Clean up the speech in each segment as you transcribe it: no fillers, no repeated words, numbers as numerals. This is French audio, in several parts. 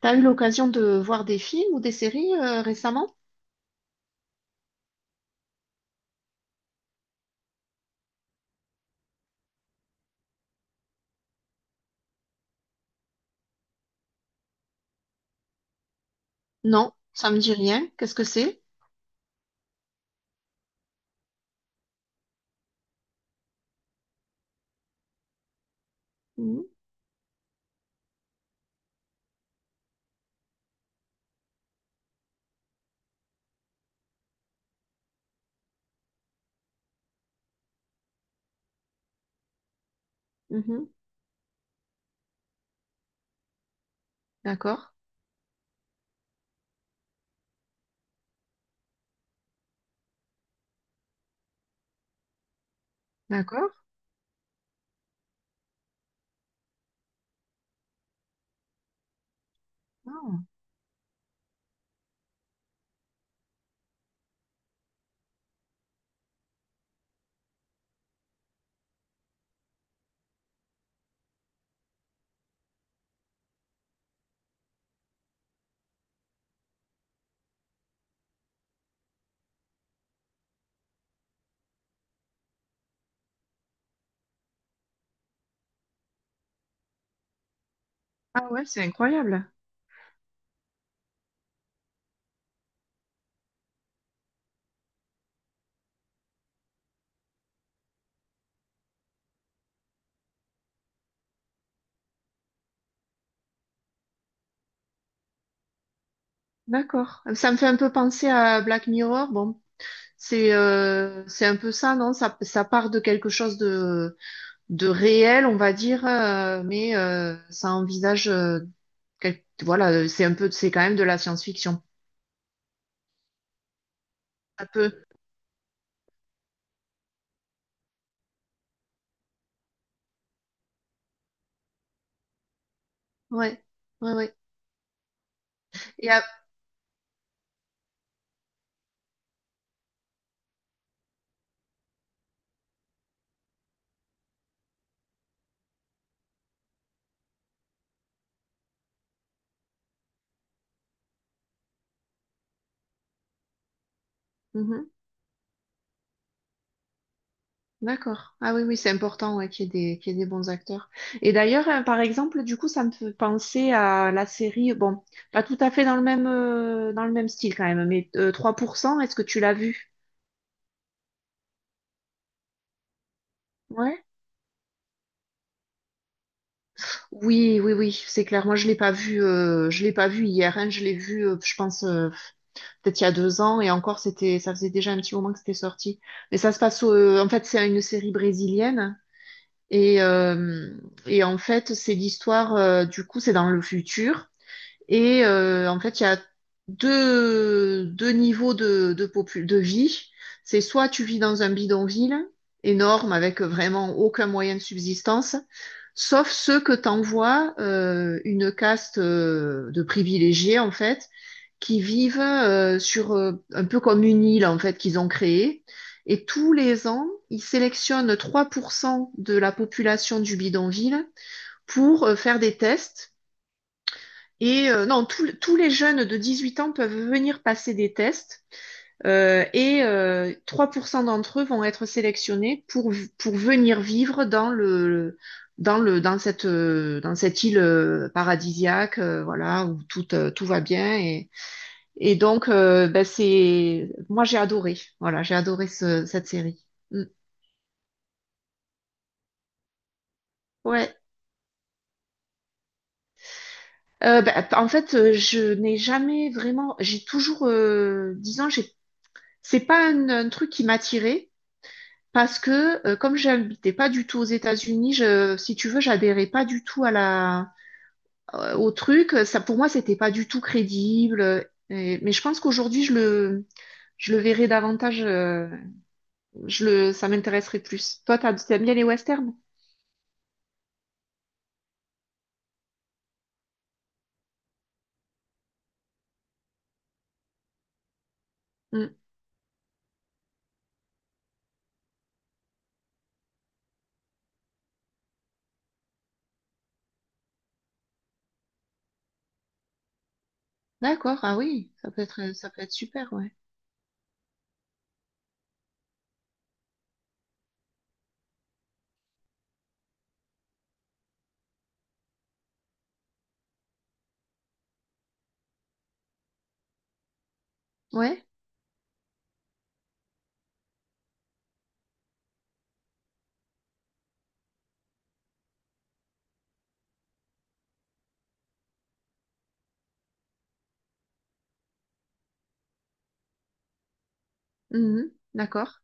T'as eu l'occasion de voir des films ou des séries récemment? Non, ça me dit rien. Qu'est-ce que c'est? Mhm, mhm. D'accord, d'accord. Ah Ah ouais, c'est incroyable. D'accord. Ça me fait un peu penser à Black Mirror. Bon, c'est un peu ça, non? Ça part de quelque chose de, réel, on va dire, mais ça envisage, voilà, c'est un peu, c'est quand même de la science-fiction. Un peu. Ouais, ouais, ouais. Et, à- Mhm. D'accord. Ah oui, oui, c'est important, ouais, qu'il y ait des bons acteurs. Et d'ailleurs, hein, par exemple, du coup, ça me fait penser à la série. Bon, pas tout à fait dans le même, style quand même, mais 3%. Est-ce que tu l'as vu? Ouais. Oui, oui, oui, c'est clair. Moi, je l'ai pas vu, je l'ai pas vu hier, hein. Je l'ai vu, je pense, peut-être il y a 2 ans, et encore, c'était, ça faisait déjà un petit moment que c'était sorti. Mais ça se passe, en fait, c'est une série brésilienne, et, euh, et en fait, c'est l'histoire, du coup, c'est dans le futur. Et en fait, il y a deux niveaux de vie. C'est soit tu vis dans un bidonville énorme avec vraiment aucun moyen de subsistance, sauf ceux que t'envoie une caste de privilégiés, en fait, qui vivent sur un peu comme une île, en fait, qu'ils ont créée. Et tous les ans, ils sélectionnent 3% de la population du bidonville pour faire des tests et non, tous les jeunes de 18 ans peuvent venir passer des tests, 3% d'entre eux vont être sélectionnés pour, pour venir vivre dans le, dans cette île paradisiaque, voilà, où tout, tout va bien. Et donc, ben, c'est, moi, j'ai adoré. Voilà, j'ai adoré cette série. Mm. Ouais. Ben, en fait, je n'ai jamais vraiment, j'ai toujours, disons, j'ai, c'est pas un truc qui m'attirait. Parce que comme j'habitais pas du tout aux États-Unis, je, si tu veux, j'adhérais pas du tout à la au truc. Ça pour moi, c'était pas du tout crédible. Mais je pense qu'aujourd'hui, je le verrais davantage. Je le Ça m'intéresserait plus. Toi, t'aimes bien les westerns? Mm. D'accord. Ah oui, ça peut être super. Ouais. Ouais. Mhm. D'accord.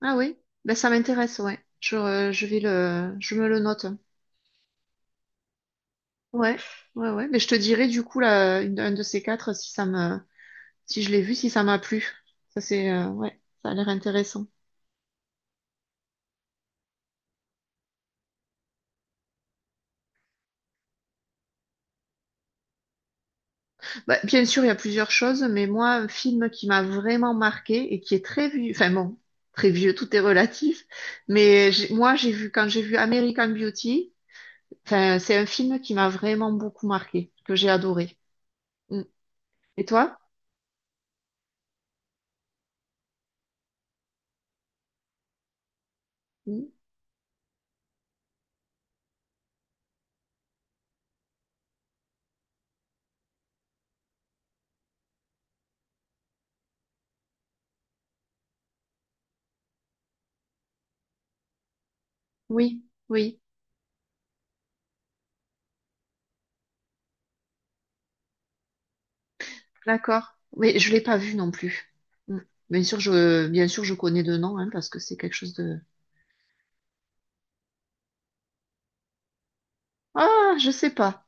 Ah oui. Ben ça m'intéresse. Ouais. Je vais le je me le note. Ouais. Ouais, ouais. Mais je te dirai du coup là un de ces quatre, si ça me si je l'ai vu, si ça m'a plu. Ça, c'est, ouais, ça a l'air intéressant. Bah, bien sûr, il y a plusieurs choses, mais moi, un film qui m'a vraiment marqué et qui est très vieux, enfin bon, très vieux, tout est relatif, mais moi, j'ai vu, quand j'ai vu American Beauty, enfin, c'est un film qui m'a vraiment beaucoup marqué, que j'ai adoré. Mm. Et toi? Mm. Oui, oui, d'accord. Mais je l'ai pas vu non plus. Mm. Bien sûr, je connais de nom, hein, parce que c'est quelque chose de... Ah, je sais pas.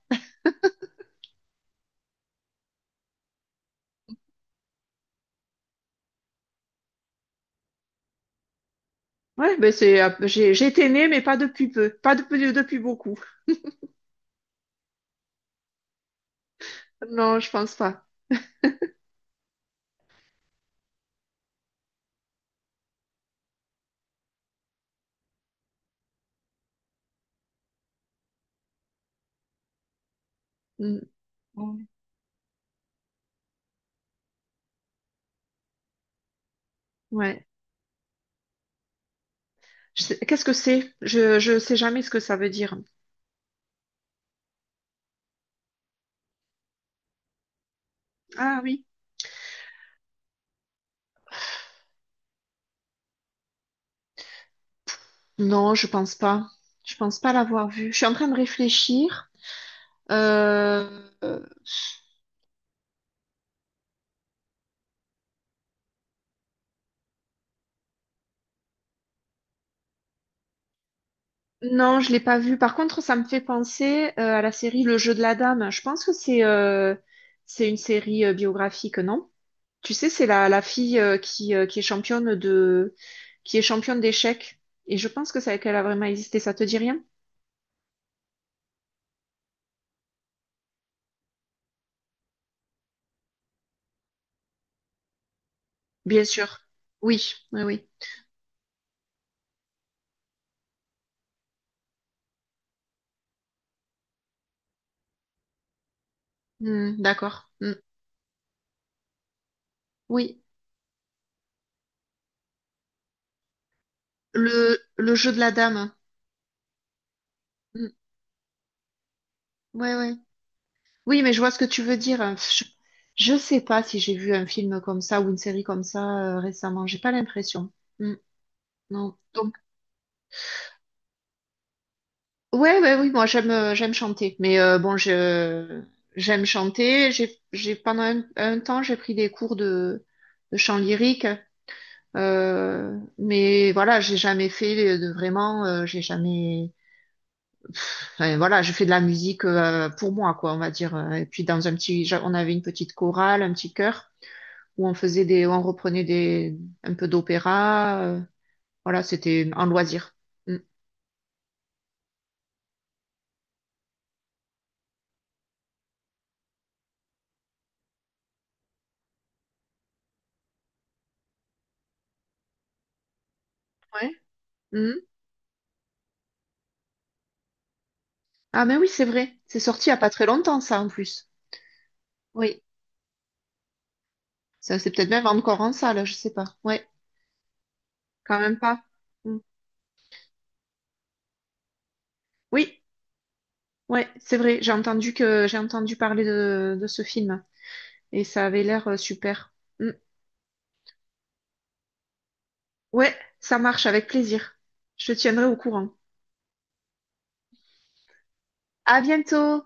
Ouais, ben c'est, j'ai, j'étais née, mais pas depuis peu, pas depuis beaucoup. Non, je pense pas. Mm. Ouais. Ouais. Qu'est-ce que c'est? Je sais jamais ce que ça veut dire. Ah oui. Non, je pense pas. Je pense pas l'avoir vu. Je suis en train de réfléchir. Euh, euh, non, je l'ai pas vu. Par contre, ça me fait penser à la série Le Jeu de la Dame. Je pense que c'est une série biographique, non? Tu sais, c'est la fille qui est championne d'échecs. Et je pense qu'elle a vraiment existé. Ça te dit rien? Bien sûr. Oui, oui, oui. Hmm, d'accord. Hmm. Oui. Le jeu de la dame. Hmm. Ouais, ouais. Oui, mais je vois ce que tu veux dire. Je sais pas si j'ai vu un film comme ça ou une série comme ça récemment. J'ai pas l'impression. Hmm, non. Donc... Ouais, ouais, oui, moi j'aime chanter. Mais bon, je j'aime chanter. J'ai pendant un temps j'ai pris des cours de chant lyrique. Mais voilà, j'ai jamais fait de vraiment. J'ai jamais. Enfin, voilà, je fais de la musique, pour moi, quoi, on va dire. Et puis dans un petit, j'a- on avait une petite chorale, un petit chœur où on où on reprenait des un peu d'opéra. Voilà, c'était en loisir. Mm. Ouais. Ah mais oui, c'est vrai. C'est sorti il n'y a pas très longtemps, ça, en plus. Oui. Ça, c'est peut-être même encore en salle, je sais pas. Ouais, quand même pas. Mm. Oui, ouais, c'est vrai. J'ai entendu parler de ce film. Et ça avait l'air super. Mm. Ouais, ça marche, avec plaisir. Je te tiendrai au courant. À bientôt!